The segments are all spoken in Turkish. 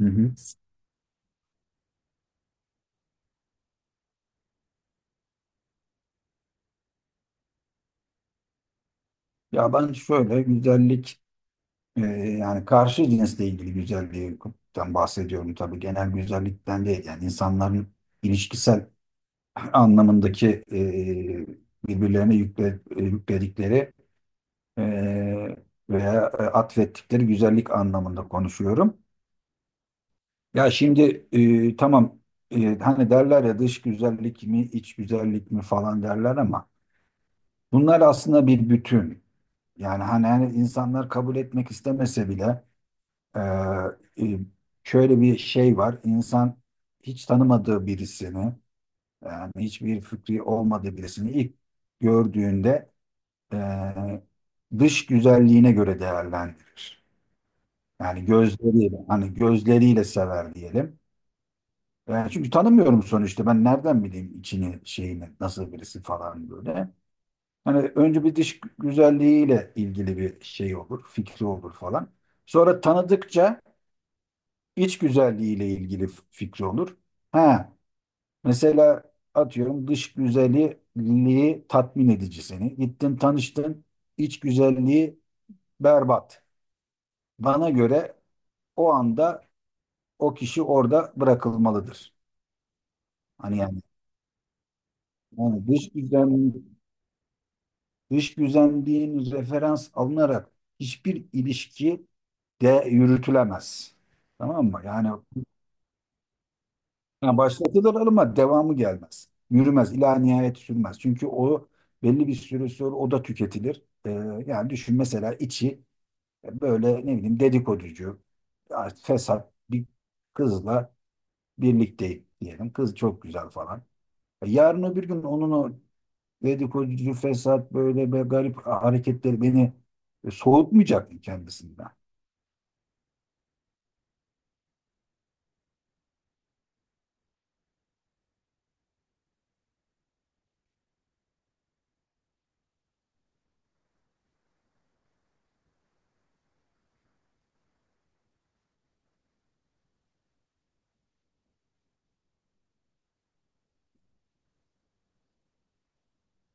Hı hı. Ya ben şöyle güzellik, e, yani karşı cinsle ilgili güzellikten bahsediyorum tabii. Genel güzellikten değil. Yani insanların ilişkisel anlamındaki birbirlerine yükledikleri e, veya atfettikleri güzellik anlamında konuşuyorum. Ya şimdi tamam, hani derler ya dış güzellik mi iç güzellik mi falan derler ama bunlar aslında bir bütün. Yani hani insanlar kabul etmek istemese bile Ee, e, şöyle bir şey var. İnsan hiç tanımadığı birisini, yani hiçbir fikri olmadığı birisini ilk gördüğünde e, dış güzelliğine göre değerlendirir. Yani gözleriyle, hani gözleriyle sever diyelim. Yani, çünkü tanımıyorum sonuçta. Ben nereden bileyim içini, şeyini, nasıl birisi falan böyle. Hani önce bir dış güzelliğiyle ilgili bir şey olur, fikri olur falan. Sonra tanıdıkça İç güzelliği ile ilgili fikri olur. Ha, mesela, atıyorum dış güzelliği tatmin edici seni. Gittin, tanıştın, iç güzelliği berbat. Bana göre o anda o kişi orada bırakılmalıdır. Hani yani dış güzelliğin referans alınarak hiçbir ilişki de yürütülemez. Tamam mı? Yani ha, başlatılır ama devamı gelmez. Yürümez, ila nihayet sürmez. Çünkü o belli bir süre sonra o da tüketilir. Yani düşün, mesela içi böyle ne bileyim dedikoducu, ya fesat bir kızla birlikteyim diyelim. Kız çok güzel falan. Yarın öbür gün onun o dedikoducu, fesat, böyle be garip hareketleri beni soğutmayacak mı kendisinden?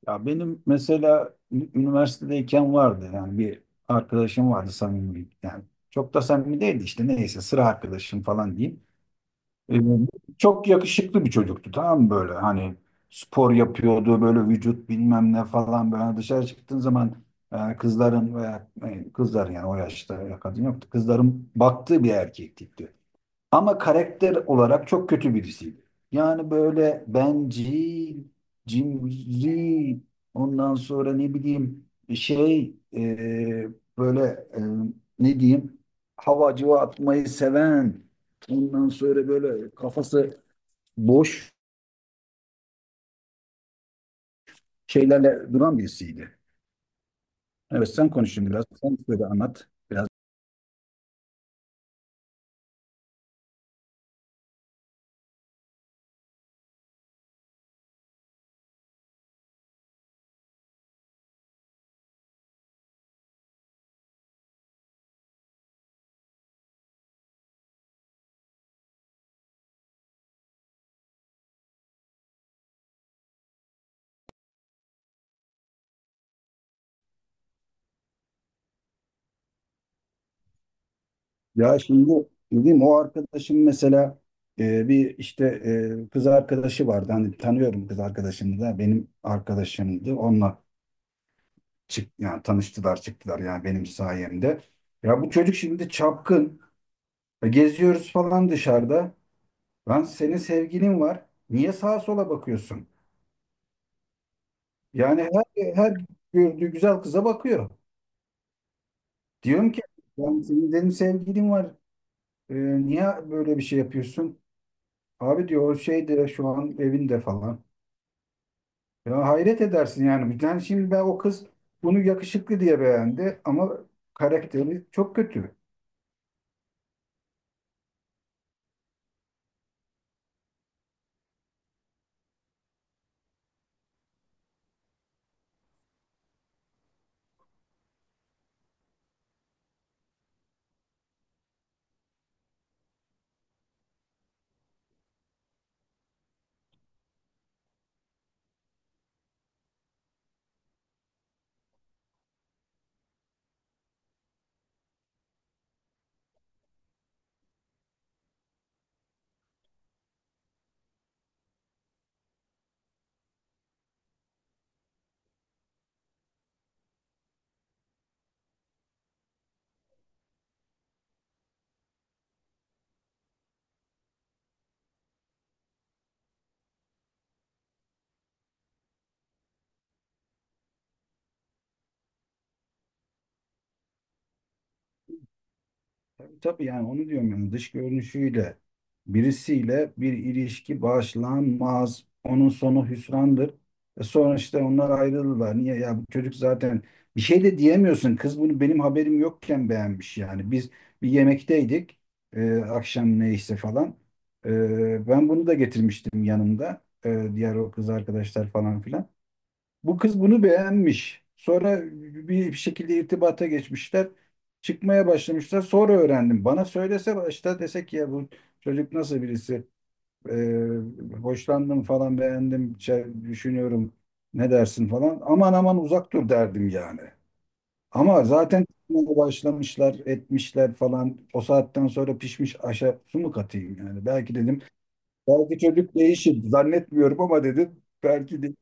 Ya benim mesela üniversitedeyken vardı yani, bir arkadaşım vardı samimi, yani çok da samimi değildi, işte neyse sıra arkadaşım falan diyeyim. Ee, Çok yakışıklı bir çocuktu, tamam mı, böyle hani spor yapıyordu, böyle vücut bilmem ne falan, böyle hani dışarı çıktığın zaman kızların veya kızlar, yani o yaşta ya kadın yoktu, kızların baktığı bir erkek tipti. Ama karakter olarak çok kötü birisiydi. Yani böyle bencil, cimri, ondan sonra ne bileyim şey, böyle, e, ne diyeyim, hava civa atmayı seven, ondan sonra böyle kafası boş şeylerle duran birisiydi. Evet, sen konuşun biraz. Sen söyle, anlat biraz. Ya şimdi dedim, o arkadaşım mesela, bir işte kız arkadaşı vardı. Hani tanıyorum kız arkadaşını da, benim arkadaşımdı. Onunla çık, yani tanıştılar, çıktılar, yani benim sayemde. Ya bu çocuk şimdi çapkın. Geziyoruz falan dışarıda. Lan, senin sevgilin var. Niye sağa sola bakıyorsun? Yani her gördüğü güzel kıza bakıyor. Diyorum ki, yani senin dedim sevgilin var. Niye böyle bir şey yapıyorsun? Abi diyor, o şeyde, şu an evinde falan. Ya hayret edersin yani. Yani şimdi ben, o kız bunu yakışıklı diye beğendi ama karakteri çok kötü. Tabii, tabii, yani onu diyorum, yani dış görünüşüyle birisiyle bir ilişki başlanmaz. Onun sonu hüsrandır. Sonra işte onlar ayrıldılar. Niye ya, bu çocuk zaten, bir şey de diyemiyorsun. Kız bunu benim haberim yokken beğenmiş yani. Biz bir yemekteydik. Akşam neyse falan. Ben bunu da getirmiştim yanımda. Diğer o kız arkadaşlar falan filan. Bu kız bunu beğenmiş. Sonra bir şekilde irtibata geçmişler. Çıkmaya başlamışlar. Sonra öğrendim. Bana söylese başta, desek ki, ya bu çocuk nasıl birisi? Ee, Hoşlandım falan, beğendim, şey düşünüyorum, ne dersin falan. Aman aman, uzak dur derdim yani. Ama zaten çıkmaya başlamışlar, etmişler falan. O saatten sonra pişmiş aşa su mu katayım yani? Belki dedim. Belki çocuk değişir. Zannetmiyorum ama, dedim, belki de.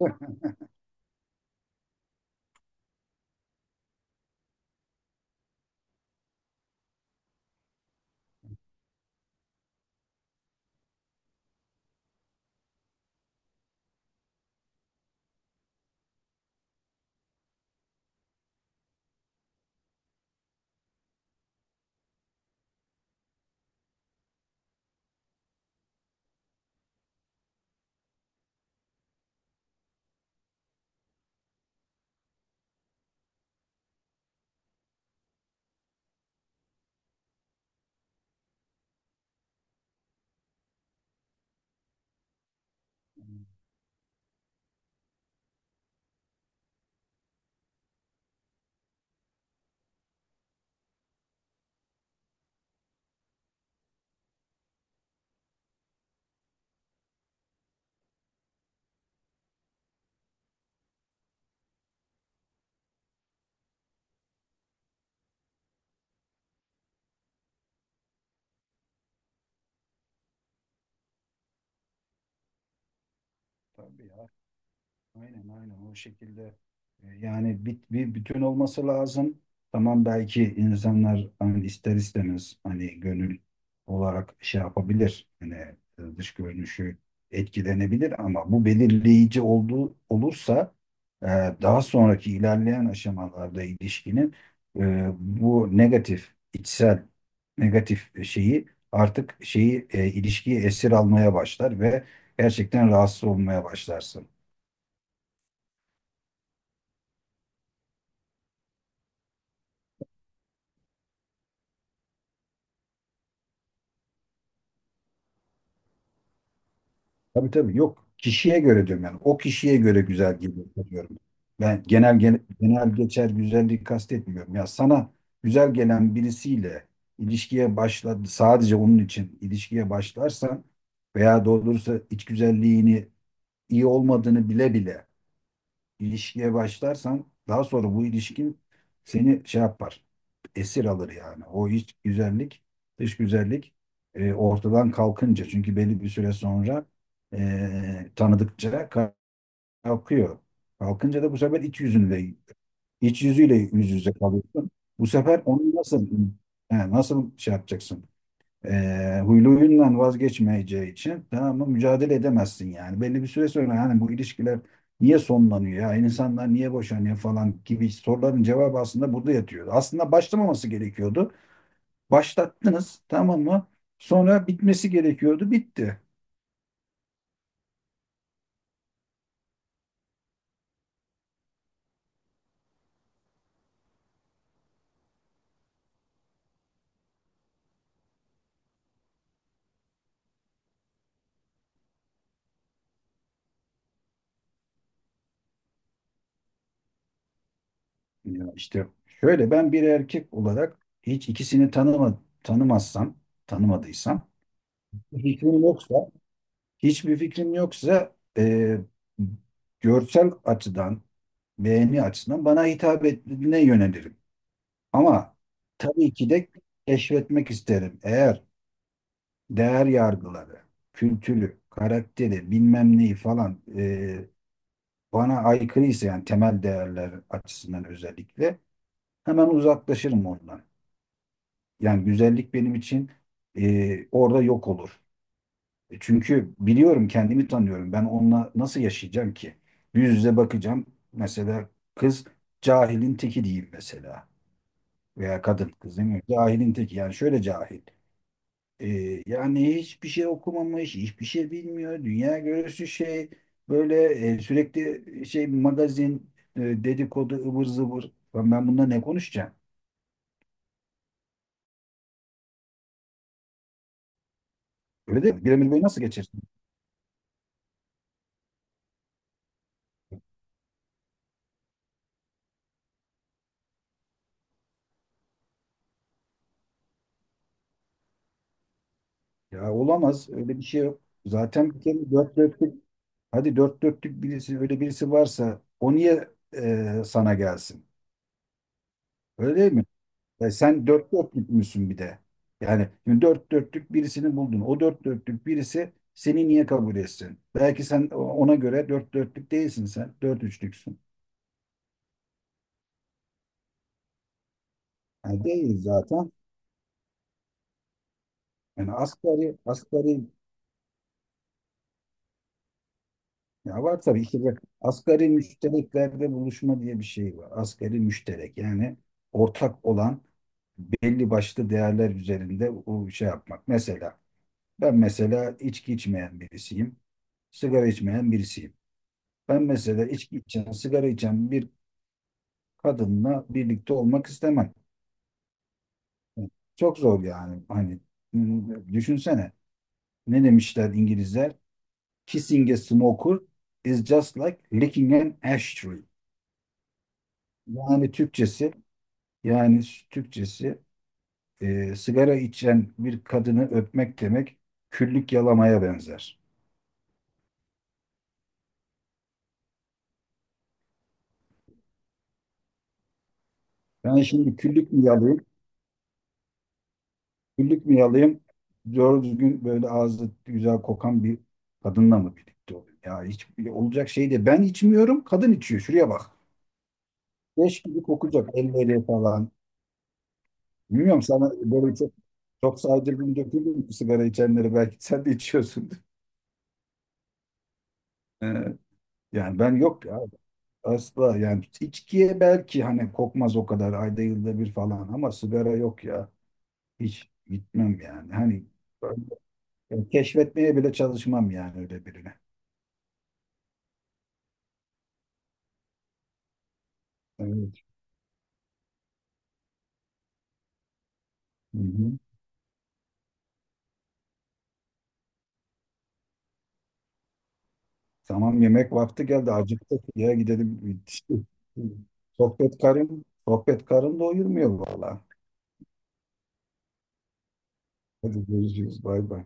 Tabii ya. Aynen, aynen o şekilde, yani bir bütün olması lazım. Tamam, belki insanlar hani ister istemez hani gönül olarak şey yapabilir. Hani dış görünüşü etkilenebilir ama bu belirleyici olduğu olursa, e, daha sonraki ilerleyen aşamalarda ilişkinin, bu negatif içsel, negatif şeyi, artık şeyi, ilişkiyi esir almaya başlar ve gerçekten rahatsız olmaya başlarsın. Tabii, tabii, yok. Kişiye göre diyorum yani. O kişiye göre güzel geliyor diyorum. Ben genel genel geçer güzelliği kastetmiyorum. Ya sana güzel gelen birisiyle ilişkiye başladı, sadece onun için ilişkiye başlarsan veya doğrusu iç güzelliğini iyi olmadığını bile bile ilişkiye başlarsan, daha sonra bu ilişkin seni şey yapar. Esir alır yani. O iç güzellik, dış güzellik ortadan kalkınca, çünkü belli bir süre sonra tanıdıkça kalkıyor. Kalkınca da bu sefer iç yüzüyle yüz yüze kalıyorsun. Bu sefer onu nasıl şey yapacaksın? Huylu huyundan vazgeçmeyeceği için, tamam mı, mücadele edemezsin yani. Belli bir süre sonra, yani bu ilişkiler niye sonlanıyor, ya insanlar niye boşanıyor falan gibi soruların cevabı aslında burada yatıyordu. Aslında başlamaması gerekiyordu. Başlattınız, tamam mı? Sonra bitmesi gerekiyordu, bitti. Ya işte şöyle, ben bir erkek olarak hiç ikisini tanımadıysam, bir fikrim yoksa, hiçbir fikrim yoksa, görsel açıdan, beğeni açısından bana hitap ettiğine yönelirim. Ama tabii ki de keşfetmek isterim. Eğer değer yargıları, kültürü, karakteri, bilmem neyi falan, bana aykırıysa, yani temel değerler açısından özellikle, hemen uzaklaşırım ondan. Yani güzellik benim için orada yok olur. Çünkü biliyorum, kendimi tanıyorum. Ben onunla nasıl yaşayacağım ki? Yüz yüze bakacağım. Mesela kız cahilin teki diyeyim mesela. Veya kadın, kız değil mi? Cahilin teki, yani şöyle cahil. Yani hiçbir şey okumamış, hiçbir şey bilmiyor. Dünya görüşü şey, böyle, sürekli şey magazin, dedikodu, ıvır zıvır. Ben bununla ne konuşacağım? Öyle değil mi? Bir Emir Bey nasıl geçirsin? Ya olamaz. Öyle bir şey yok. Zaten bir kere dört dörtlük, hadi dört dörtlük birisi, öyle birisi varsa o niye sana gelsin? Öyle değil mi? Sen dört dörtlük müsün bir de. Yani şimdi dört dörtlük birisini buldun. O dört dörtlük birisi seni niye kabul etsin? Belki sen ona göre dört dörtlük değilsin sen. Dört üçlüksün. Yani değil zaten. Yani asgari, asgari, ya var tabii ki de, asgari müştereklerde buluşma diye bir şey var. Asgari müşterek, yani ortak olan belli başlı değerler üzerinde o şey yapmak. Mesela ben, mesela içki içmeyen birisiyim. Sigara içmeyen birisiyim. Ben mesela içki içen, sigara içen bir kadınla birlikte olmak istemem. Çok zor yani. Hani düşünsene. Ne demişler İngilizler? Kissing a smoker is just like licking an ashtray. Yani Türkçesi, yani Türkçesi, sigara içen bir kadını öpmek demek küllük yalamaya benzer. Ben şimdi küllük mü yalayayım? Güllük mü yalayım? Doğru düzgün böyle ağzı güzel kokan bir kadınla mı birlikte olayım? Ya hiç olacak şey de, ben içmiyorum, kadın içiyor. Şuraya bak. Leş gibi kokacak elleri falan. Bilmiyorum, sana böyle çok çok saydırdım, döküldüm sigara içenleri, belki sen de içiyorsundur. Ee, Yani ben, yok ya, asla, yani içkiye belki hani kokmaz o kadar, ayda yılda bir falan, ama sigara yok ya, hiç gitmem yani, hani ben- ben keşfetmeye bile çalışmam yani öyle birine. Ee, Hı hı. Tamam, yemek vakti geldi. Acıktık. Ya gidelim. İşte. Sohbet karın doyurmuyor valla. Hadi görüşürüz. Bay bay.